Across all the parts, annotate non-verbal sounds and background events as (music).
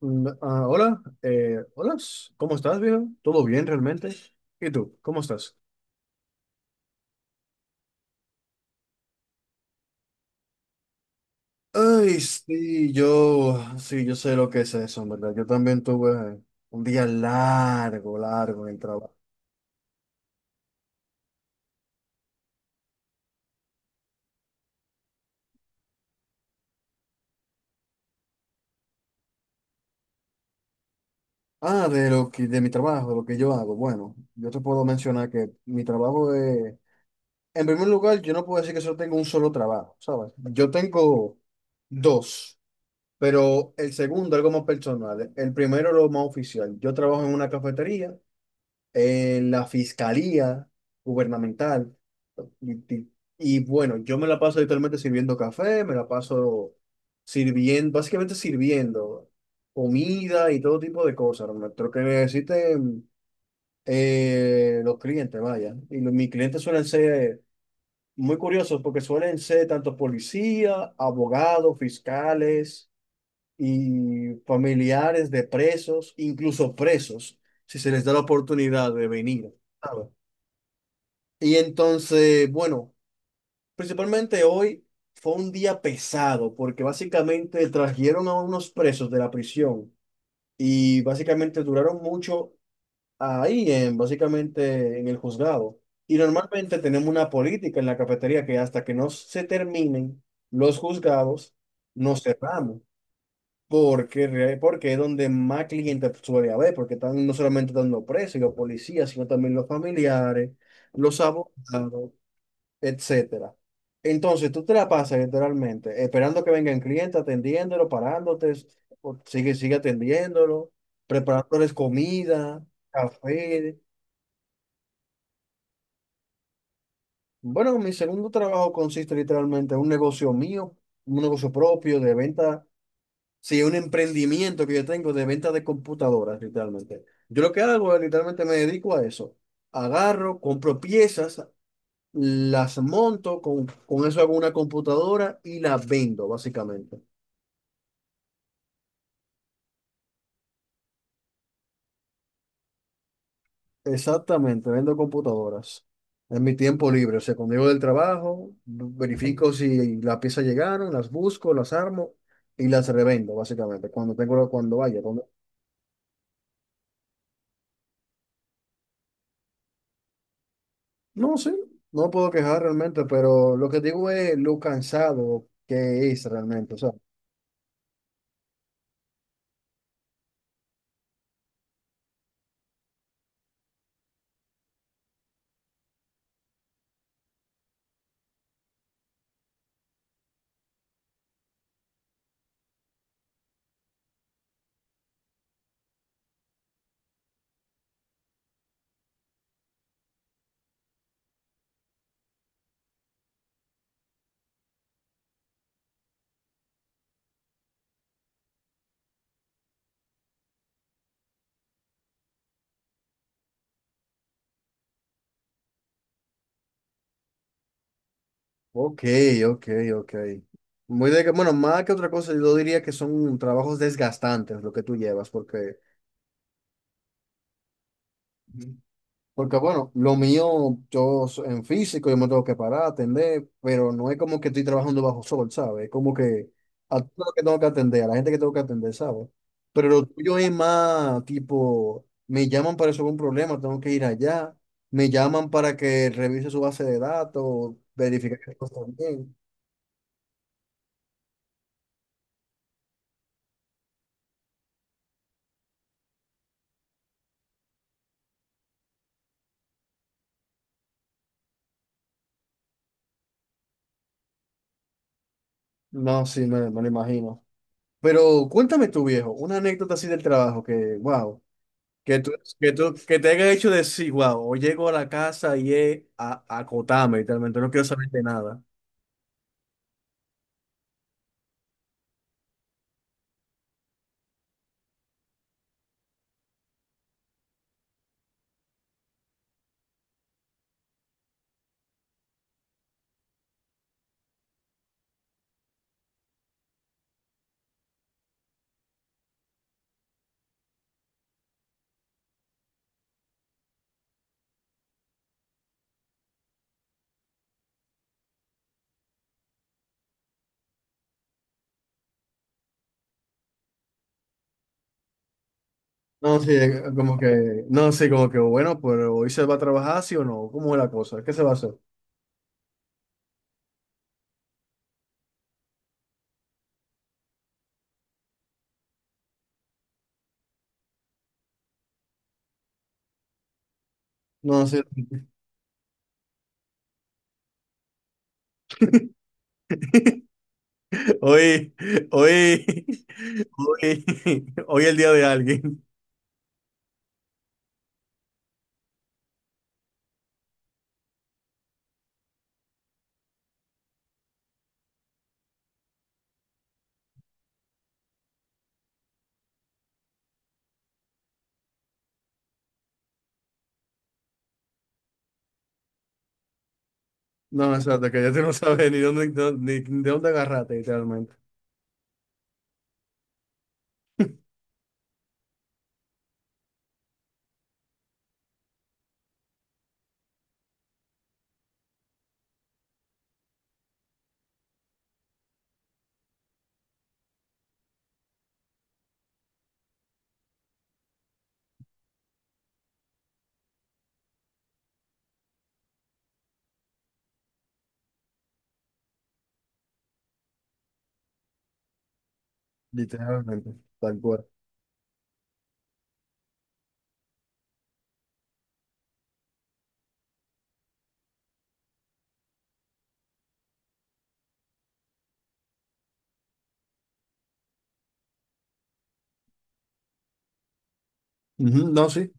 Hola, hola, ¿cómo estás, viejo? ¿Todo bien realmente? ¿Y tú, cómo estás? Ay, sí, yo, sí, yo sé lo que es eso, en verdad. Yo también tuve un día largo, largo en el trabajo. De mi trabajo, de lo que yo hago. Bueno, yo te puedo mencionar que mi trabajo es, en primer lugar, yo no puedo decir que solo tengo un solo trabajo, ¿sabes? Yo tengo dos, pero el segundo, algo más personal. El primero, lo más oficial. Yo trabajo en una cafetería en la fiscalía gubernamental. Y, y- y bueno, yo me la paso literalmente sirviendo café, me la paso sirviendo, básicamente sirviendo comida y todo tipo de cosas, Ernesto, lo que necesiten los clientes, vaya. Mis clientes suelen ser muy curiosos porque suelen ser tanto policía, abogados, fiscales y familiares de presos, incluso presos, si se les da la oportunidad de venir. ¿Sabes? Y entonces, bueno, principalmente hoy fue un día pesado porque básicamente trajeron a unos presos de la prisión y básicamente duraron mucho básicamente en el juzgado. Y normalmente tenemos una política en la cafetería que hasta que no se terminen los juzgados, nos cerramos. Porque es donde más clientes suele haber, porque están no solamente dando presos y los policías, sino también los familiares, los abogados, etcétera. Entonces, tú te la pasas literalmente esperando que vengan clientes, atendiéndolo, parándote, o sigue atendiéndolo, preparándoles comida, café. Bueno, mi segundo trabajo consiste literalmente en un negocio mío, un negocio propio de venta, sí, un emprendimiento que yo tengo de venta de computadoras, literalmente. Yo lo que hago es literalmente me dedico a eso. Agarro, compro piezas, las monto, con eso hago una computadora y las vendo, básicamente. Exactamente, vendo computadoras. En mi tiempo libre, o sea, cuando llego del trabajo, verifico si las piezas llegaron, las busco, las armo y las revendo, básicamente, cuando tengo, no, sí, no puedo quejar realmente, pero lo que digo es lo cansado que es realmente, o sea, ok, ok, ok. Muy de que, bueno, más que otra cosa, yo diría que son trabajos desgastantes lo que tú llevas, porque porque bueno, lo mío, en físico, yo me tengo que parar, atender, pero no es como que estoy trabajando bajo sol, ¿sabes? Es como que a todo lo que tengo que atender, a la gente que tengo que atender, ¿sabes? Pero lo tuyo es más tipo, me llaman para resolver un problema, tengo que ir allá, me llaman para que revise su base de datos, verificar que todo está bien. No, sí, me lo imagino. Pero cuéntame tú, viejo, una anécdota así del trabajo que, wow. Que tú, que te haya hecho decir, wow, o llego a la casa y es a acotarme, literalmente, no quiero saber de nada. No, sí, como que, no, sí, como que, bueno, pero hoy se va a trabajar, sí o no, ¿cómo es la cosa? ¿Qué se va a hacer? No, sí, (laughs) hoy, hoy, (laughs) hoy, (laughs) hoy es el día de alguien. No, exacto, que ya tú no sabes ni dónde, ni de dónde agarrarte, literalmente. Literalmente, tal cual. Ujú. No, sí.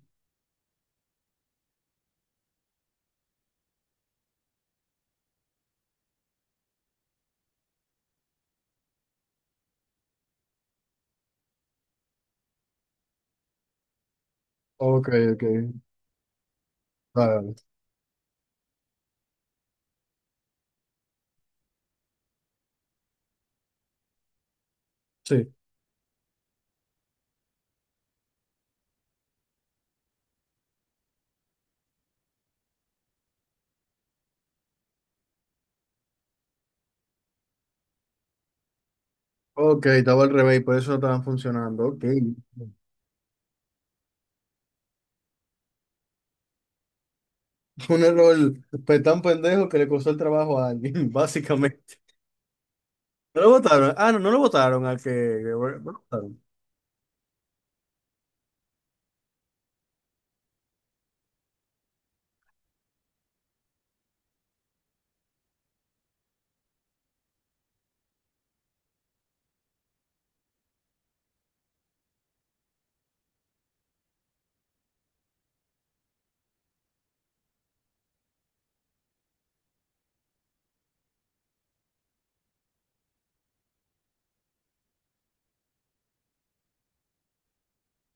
Ok, ok. Vale, vale. Sí. Ok, estaba al revés, por eso no estaban funcionando. Ok. (laughs) Un error pues, tan pendejo que le costó el trabajo a alguien, (laughs) básicamente. ¿No lo votaron? Ah, no, no lo votaron al que... Bueno, no lo votaron.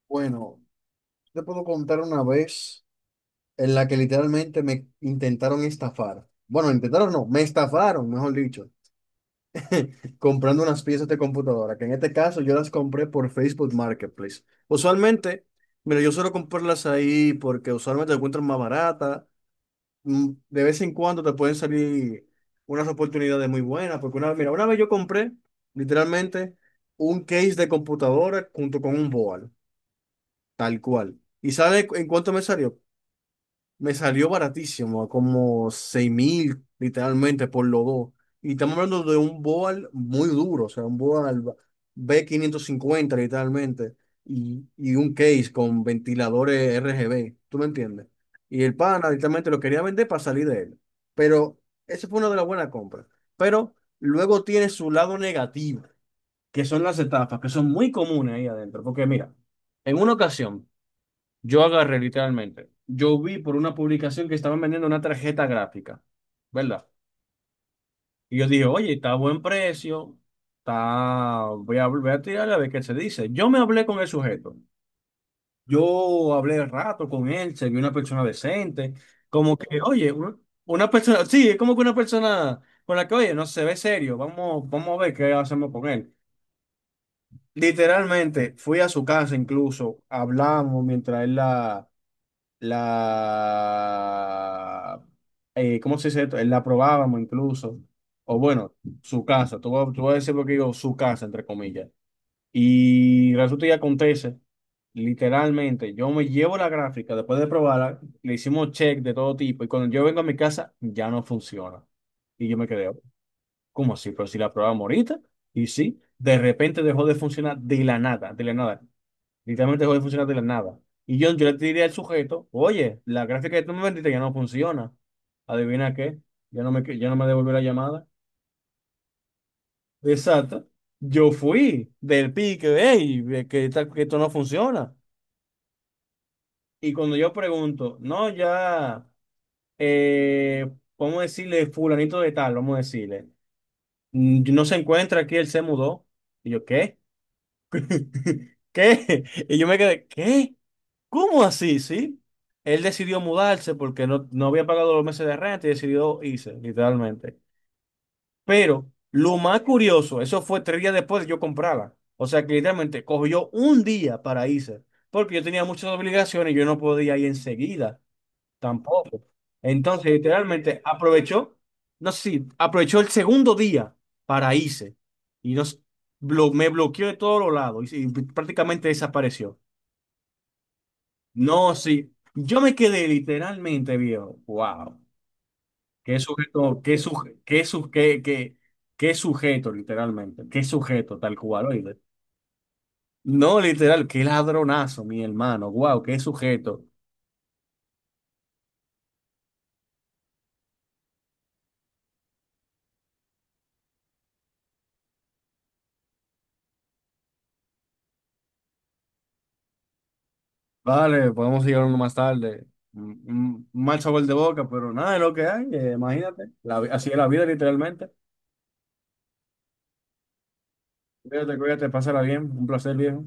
Bueno, te puedo contar una vez en la que literalmente me intentaron estafar. Bueno, intentaron no, me estafaron, mejor dicho, comprando unas piezas de computadora, que en este caso yo las compré por Facebook Marketplace. Usualmente, mira, yo suelo comprarlas ahí porque usualmente las encuentran más baratas, de vez en cuando te pueden salir unas oportunidades muy buenas, porque una, mira, una vez yo compré literalmente un case de computadora junto con un board, tal cual. ¿Y sabes en cuánto me salió? Me salió baratísimo, como 6 mil literalmente por los dos. Y estamos hablando de un Boal muy duro, o sea, un Boal B550 literalmente. Y un case con ventiladores RGB, ¿tú me entiendes? Y el pana literalmente lo quería vender para salir de él. Pero esa fue una de las buenas compras. Pero luego tiene su lado negativo, que son las estafas, que son muy comunes ahí adentro. Porque mira, en una ocasión... yo agarré literalmente. Yo vi por una publicación que estaban vendiendo una tarjeta gráfica, ¿verdad? Y yo dije, oye, está a buen precio, está... voy a tirarle a ver qué se dice. Yo me hablé con el sujeto. Yo hablé rato con él, se vio una persona decente, como que, oye, una persona, sí, es como que una persona con la que, oye, no se ve serio, vamos, vamos a ver qué hacemos con él. Literalmente, fui a su casa incluso, hablamos mientras él la, ¿cómo se dice esto? La probábamos incluso, o bueno, su casa, tú, tú vas a decir lo que digo, su casa, entre comillas. Y resulta y acontece, literalmente, yo me llevo la gráfica, después de probarla, le hicimos check de todo tipo, y cuando yo vengo a mi casa, ya no funciona. Y yo me quedé, ¿cómo así? Pero si la probamos ahorita, y sí, de repente dejó de funcionar de la nada, de la nada. Literalmente dejó de funcionar de la nada. Y yo le tiré al sujeto, oye, la gráfica que tú me vendiste ya no funciona. ¿Adivina qué? Ya no me devolvió la llamada. Exacto. Yo fui del pique, hey, ve que, que esto no funciona. Y cuando yo pregunto, no, ya, eh, vamos a decirle fulanito de tal, vamos a decirle, "Mm, no se encuentra aquí, él se mudó." Y yo, ¿qué? (laughs) ¿Qué? Y yo me quedé, ¿qué? ¿Cómo así, sí? Él decidió mudarse porque no, no había pagado los meses de renta y decidió irse, literalmente. Pero lo más curioso, eso fue tres días después de yo comprarla. O sea que literalmente cogió un día para irse, porque yo tenía muchas obligaciones y yo no podía ir enseguida tampoco. Entonces, literalmente aprovechó, no sé si aprovechó el segundo día para irse y nos, me bloqueó de todos los lados y prácticamente desapareció. No, sí. Yo me quedé literalmente, viejo. Wow. Qué sujeto, qué sujeto, qué, su- qué, qué, qué sujeto, literalmente. Qué sujeto, tal cual, oíste. No, literal, qué ladronazo, mi hermano. Wow, qué sujeto. Vale, podemos seguir hablando más tarde. Un mal sabor de boca, pero nada de lo que hay, imagínate. Así es la vida, literalmente. Cuídate, cuídate, pásala bien. Un placer, viejo.